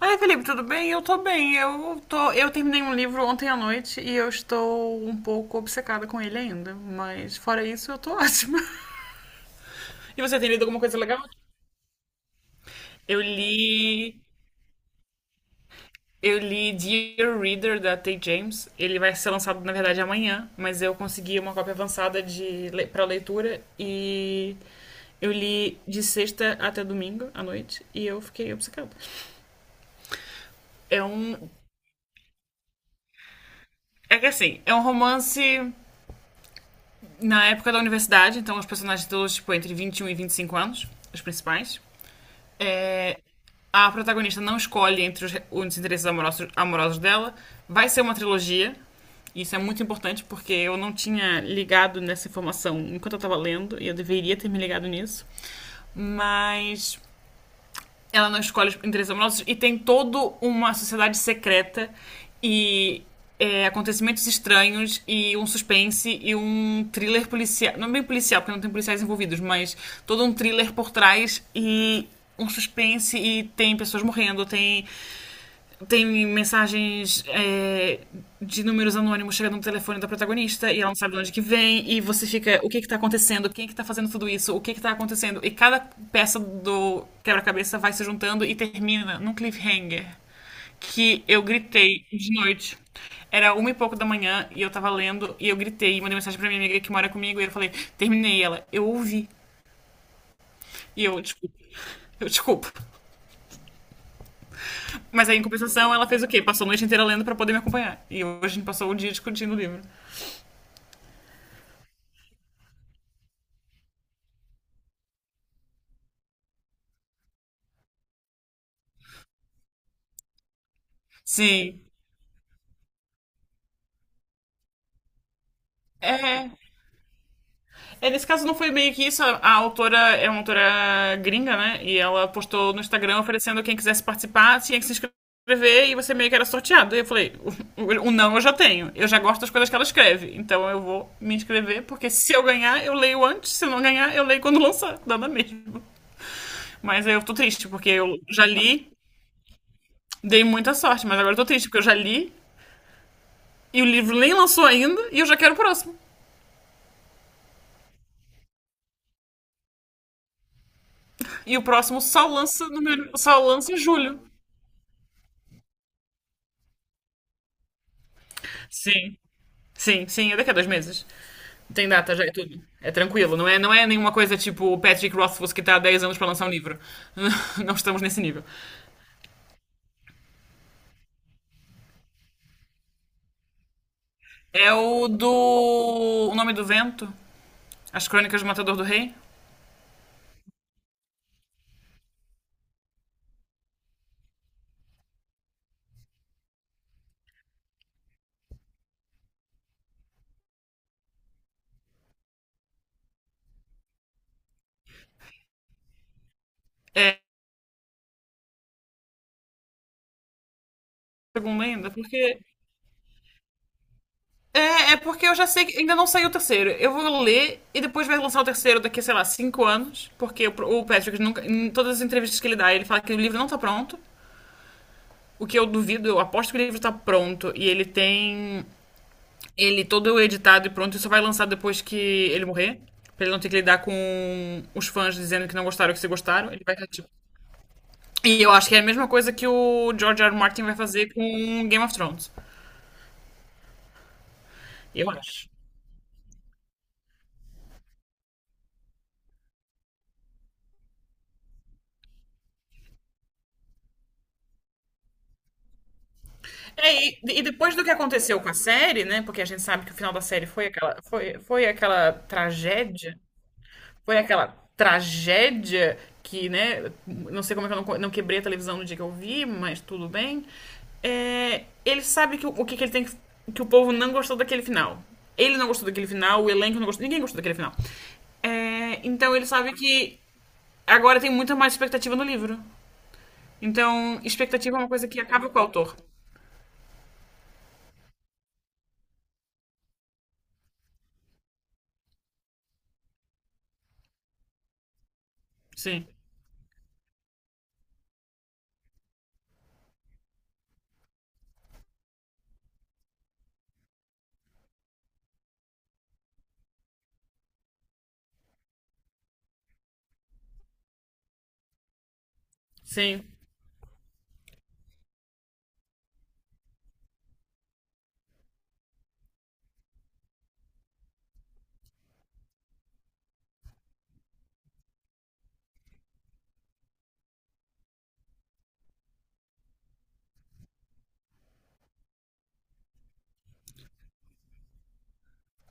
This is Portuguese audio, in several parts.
Oi, Felipe, tudo bem? Eu tô bem. Eu terminei um livro ontem à noite e eu estou um pouco obcecada com ele ainda, mas fora isso eu tô ótima. E você tem lido alguma coisa legal? Eu li, eu li Dear Reader da Tay James. Ele vai ser lançado na verdade amanhã, mas eu consegui uma cópia avançada para leitura e eu li de sexta até domingo à noite e eu fiquei obcecada. É um. É que assim, é um romance na época da universidade, então os personagens todos, tipo, entre 21 e 25 anos, os principais. É, a protagonista não escolhe entre os interesses amorosos dela. Vai ser uma trilogia. Isso é muito importante porque eu não tinha ligado nessa informação enquanto eu estava lendo e eu deveria ter me ligado nisso. Mas ela não escolhe os interesses amorosos e tem toda uma sociedade secreta e acontecimentos estranhos e um suspense e um thriller policial. Não é bem policial, porque não tem policiais envolvidos, mas todo um thriller por trás e um suspense e tem pessoas morrendo, tem mensagens de números anônimos chegando no telefone da protagonista e ela não sabe de onde que vem e você fica, o que que tá acontecendo? Quem é que tá fazendo tudo isso? O que que tá acontecendo? E cada peça do quebra-cabeça vai se juntando e termina num cliffhanger que eu gritei de noite. Era uma e pouco da manhã e eu tava lendo e eu gritei e mandei mensagem pra minha amiga que mora comigo e eu falei, terminei ela. Eu ouvi. E eu, desculpa. Eu desculpa. Mas aí, em compensação, ela fez o quê? Passou a noite inteira lendo pra poder me acompanhar. E hoje a gente passou o dia discutindo o livro. Sim. É, é, nesse caso não foi meio que isso. A autora é uma autora gringa, né? E ela postou no Instagram oferecendo quem quisesse participar, tinha que se inscrever e você meio que era sorteado. E eu falei, o não eu já tenho. Eu já gosto das coisas que ela escreve. Então eu vou me inscrever, porque se eu ganhar, eu leio antes. Se eu não ganhar, eu leio quando lançar. Dá na mesma. Mas eu tô triste, porque eu já li, dei muita sorte. Mas agora eu tô triste, porque eu já li, e o livro nem lançou ainda e eu já quero o próximo. E o próximo só lança, no meu- só lança em julho. Sim. Sim, sim, é daqui a 2 meses. Tem data já, é tudo. É tranquilo, não é nenhuma coisa tipo o Patrick Rothfuss que tá há 10 anos para lançar um livro. Não estamos nesse nível. É o do. O Nome do Vento, As Crônicas do Matador do Rei. É, segundo ainda, porque é porque eu já sei que ainda não saiu o terceiro. Eu vou ler e depois vai lançar o terceiro daqui, sei lá, 5 anos. Porque o Patrick, nunca, em todas as entrevistas que ele dá, ele fala que o livro não tá pronto. O que eu duvido, eu aposto que o livro tá pronto. E ele tem ele todo editado e pronto. E só vai lançar depois que ele morrer. Pra ele não ter que lidar com os fãs dizendo que não gostaram ou que se gostaram. Ele vai estar tipo. E eu acho que é a mesma coisa que o George R. R. Martin vai fazer com Game of Thrones. Eu acho. É, e depois do que aconteceu com a série, né? Porque a gente sabe que o final da série foi aquela, foi aquela tragédia. Foi aquela tragédia que, né? Não sei como é que eu não quebrei a televisão no dia que eu vi, mas tudo bem. É, ele sabe que, o que, ele tem que. Que o povo não gostou daquele final. Ele não gostou daquele final, o elenco não gostou, ninguém gostou daquele final. É, então ele sabe que agora tem muita mais expectativa no livro. Então, expectativa é uma coisa que acaba com o autor. Sim, sim.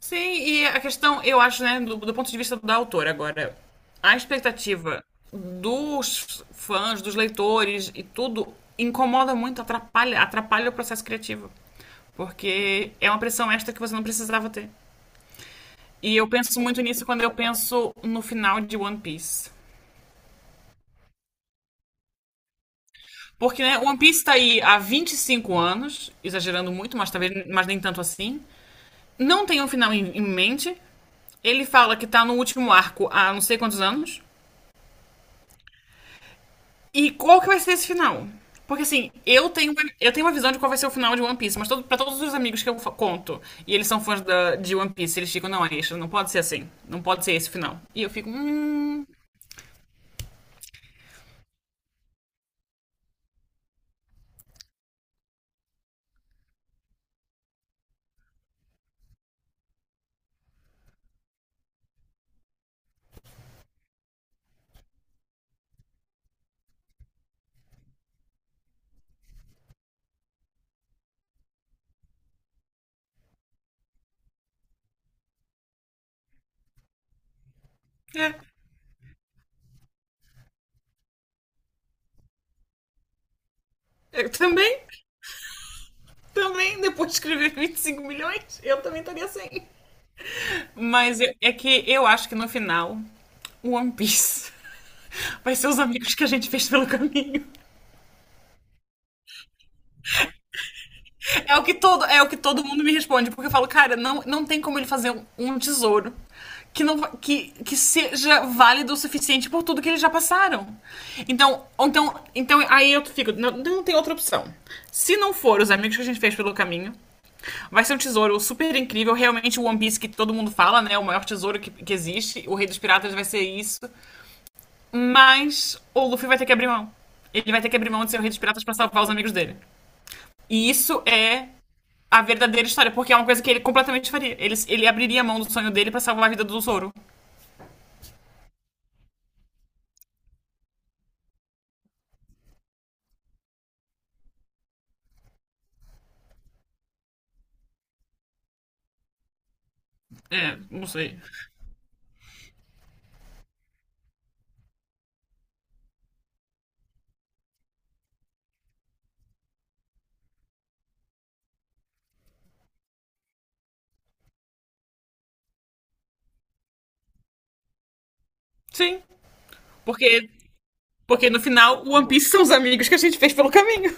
Sim, e a questão, eu acho, né, do ponto de vista da autora agora, a expectativa dos fãs, dos leitores e tudo incomoda muito, atrapalha, atrapalha o processo criativo. Porque é uma pressão extra que você não precisava ter. E eu penso muito nisso quando eu penso no final de One Piece. Porque, né, One Piece tá aí há 25 anos, exagerando muito, mas talvez mas nem tanto assim. Não tem um final em mente. Ele fala que tá no último arco há não sei quantos anos. E qual que vai ser esse final? Porque assim, eu tenho uma visão de qual vai ser o final de One Piece, mas todo, pra todos os amigos que conto, e eles são fãs de One Piece, eles ficam, não, Aisha, não pode ser assim. Não pode ser esse final. E eu fico. É, eu também, depois de escrever 25 milhões, eu também estaria assim. É que eu acho que no final, o One Piece vai ser os amigos que a gente fez pelo caminho. É o que todo mundo me responde, porque eu falo, cara, não, não tem como ele fazer um, um tesouro que não que, que seja válido o suficiente por tudo que eles já passaram. Então, aí eu fico, não, não tem outra opção. Se não for os amigos que a gente fez pelo caminho, vai ser um tesouro super incrível, realmente o One Piece que todo mundo fala, né, o maior tesouro que existe, o Rei dos Piratas vai ser isso, mas o Luffy vai ter que abrir mão. Ele vai ter que abrir mão de ser o Rei dos Piratas para salvar os amigos dele. E isso é a verdadeira história, porque é uma coisa que ele completamente faria. Ele abriria a mão do sonho dele pra salvar a vida do Zoro. É, não sei. Sim, porque, porque no final, o One Piece são os amigos que a gente fez pelo caminho.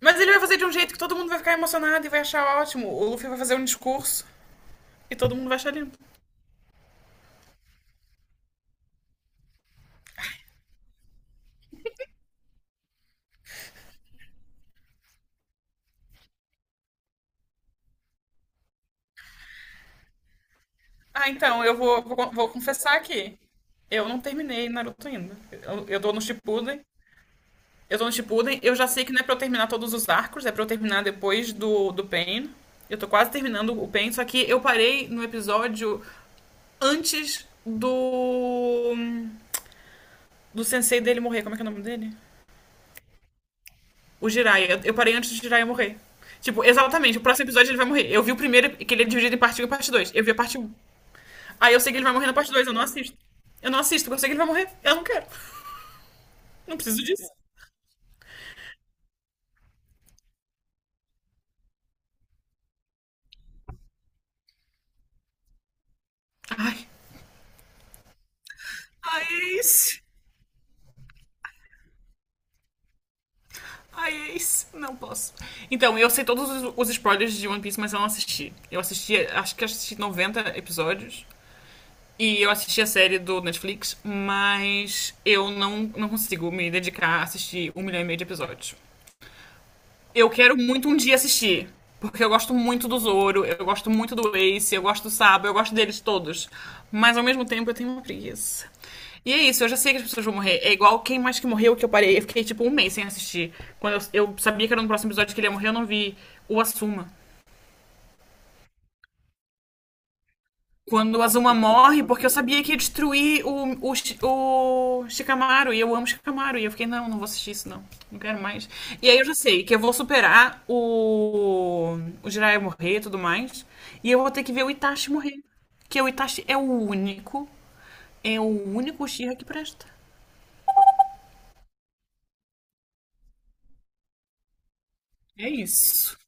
Mas ele vai fazer de um jeito que todo mundo vai ficar emocionado e vai achar ótimo. O Luffy vai fazer um discurso e todo mundo vai achar lindo. Ah, então, eu vou confessar aqui. Eu não terminei Naruto ainda. Eu tô no Shippuden. Eu já sei que não é pra eu terminar todos os arcos, é pra eu terminar depois do Pain. Eu tô quase terminando o Pain, só que eu parei no episódio antes do sensei dele morrer. Como é que é o nome dele? O Jiraiya. Eu parei antes do Jiraiya morrer. Tipo, exatamente, o próximo episódio ele vai morrer. Eu vi o primeiro, que ele é dividido em parte um e parte 2. Eu vi a parte um. Aí eu sei que ele vai morrer na parte 2. Eu não assisto. Eu não assisto, porque eu sei que ele vai morrer. Eu não quero. Não preciso disso. Ai. Ai, é isso. Ai, é isso. Não posso. Então, eu sei todos os spoilers de One Piece, mas eu não assisti. Eu assisti, acho que assisti 90 episódios. E eu assisti a série do Netflix, mas eu não consigo me dedicar a assistir 1,5 milhão de episódios. Eu quero muito um dia assistir. Porque eu gosto muito do Zoro, eu gosto muito do Ace, eu gosto do Sabo, eu gosto deles todos. Mas ao mesmo tempo eu tenho uma preguiça. E é isso, eu já sei que as pessoas vão morrer. É igual quem mais que morreu que eu parei. Eu fiquei tipo um mês sem assistir. Quando eu sabia que era no próximo episódio que ele ia morrer, eu não vi o Assuma. Quando a Azuma morre, porque eu sabia que ia destruir o Shikamaru, e eu amo Shikamaru, e eu fiquei, não, não vou assistir isso, não. Não quero mais. E aí eu já sei que eu vou superar o Jiraiya morrer e tudo mais, e eu vou ter que ver o Itachi morrer. Porque o Itachi é o único, é o Uchiha que presta. É isso.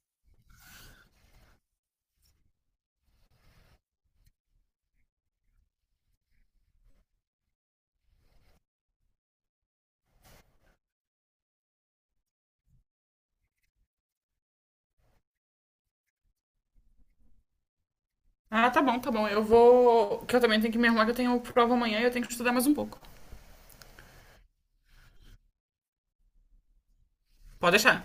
Ah, tá bom, tá bom. Eu vou. Que eu também tenho que me arrumar, que eu tenho prova amanhã e eu tenho que estudar mais um pouco. Pode deixar.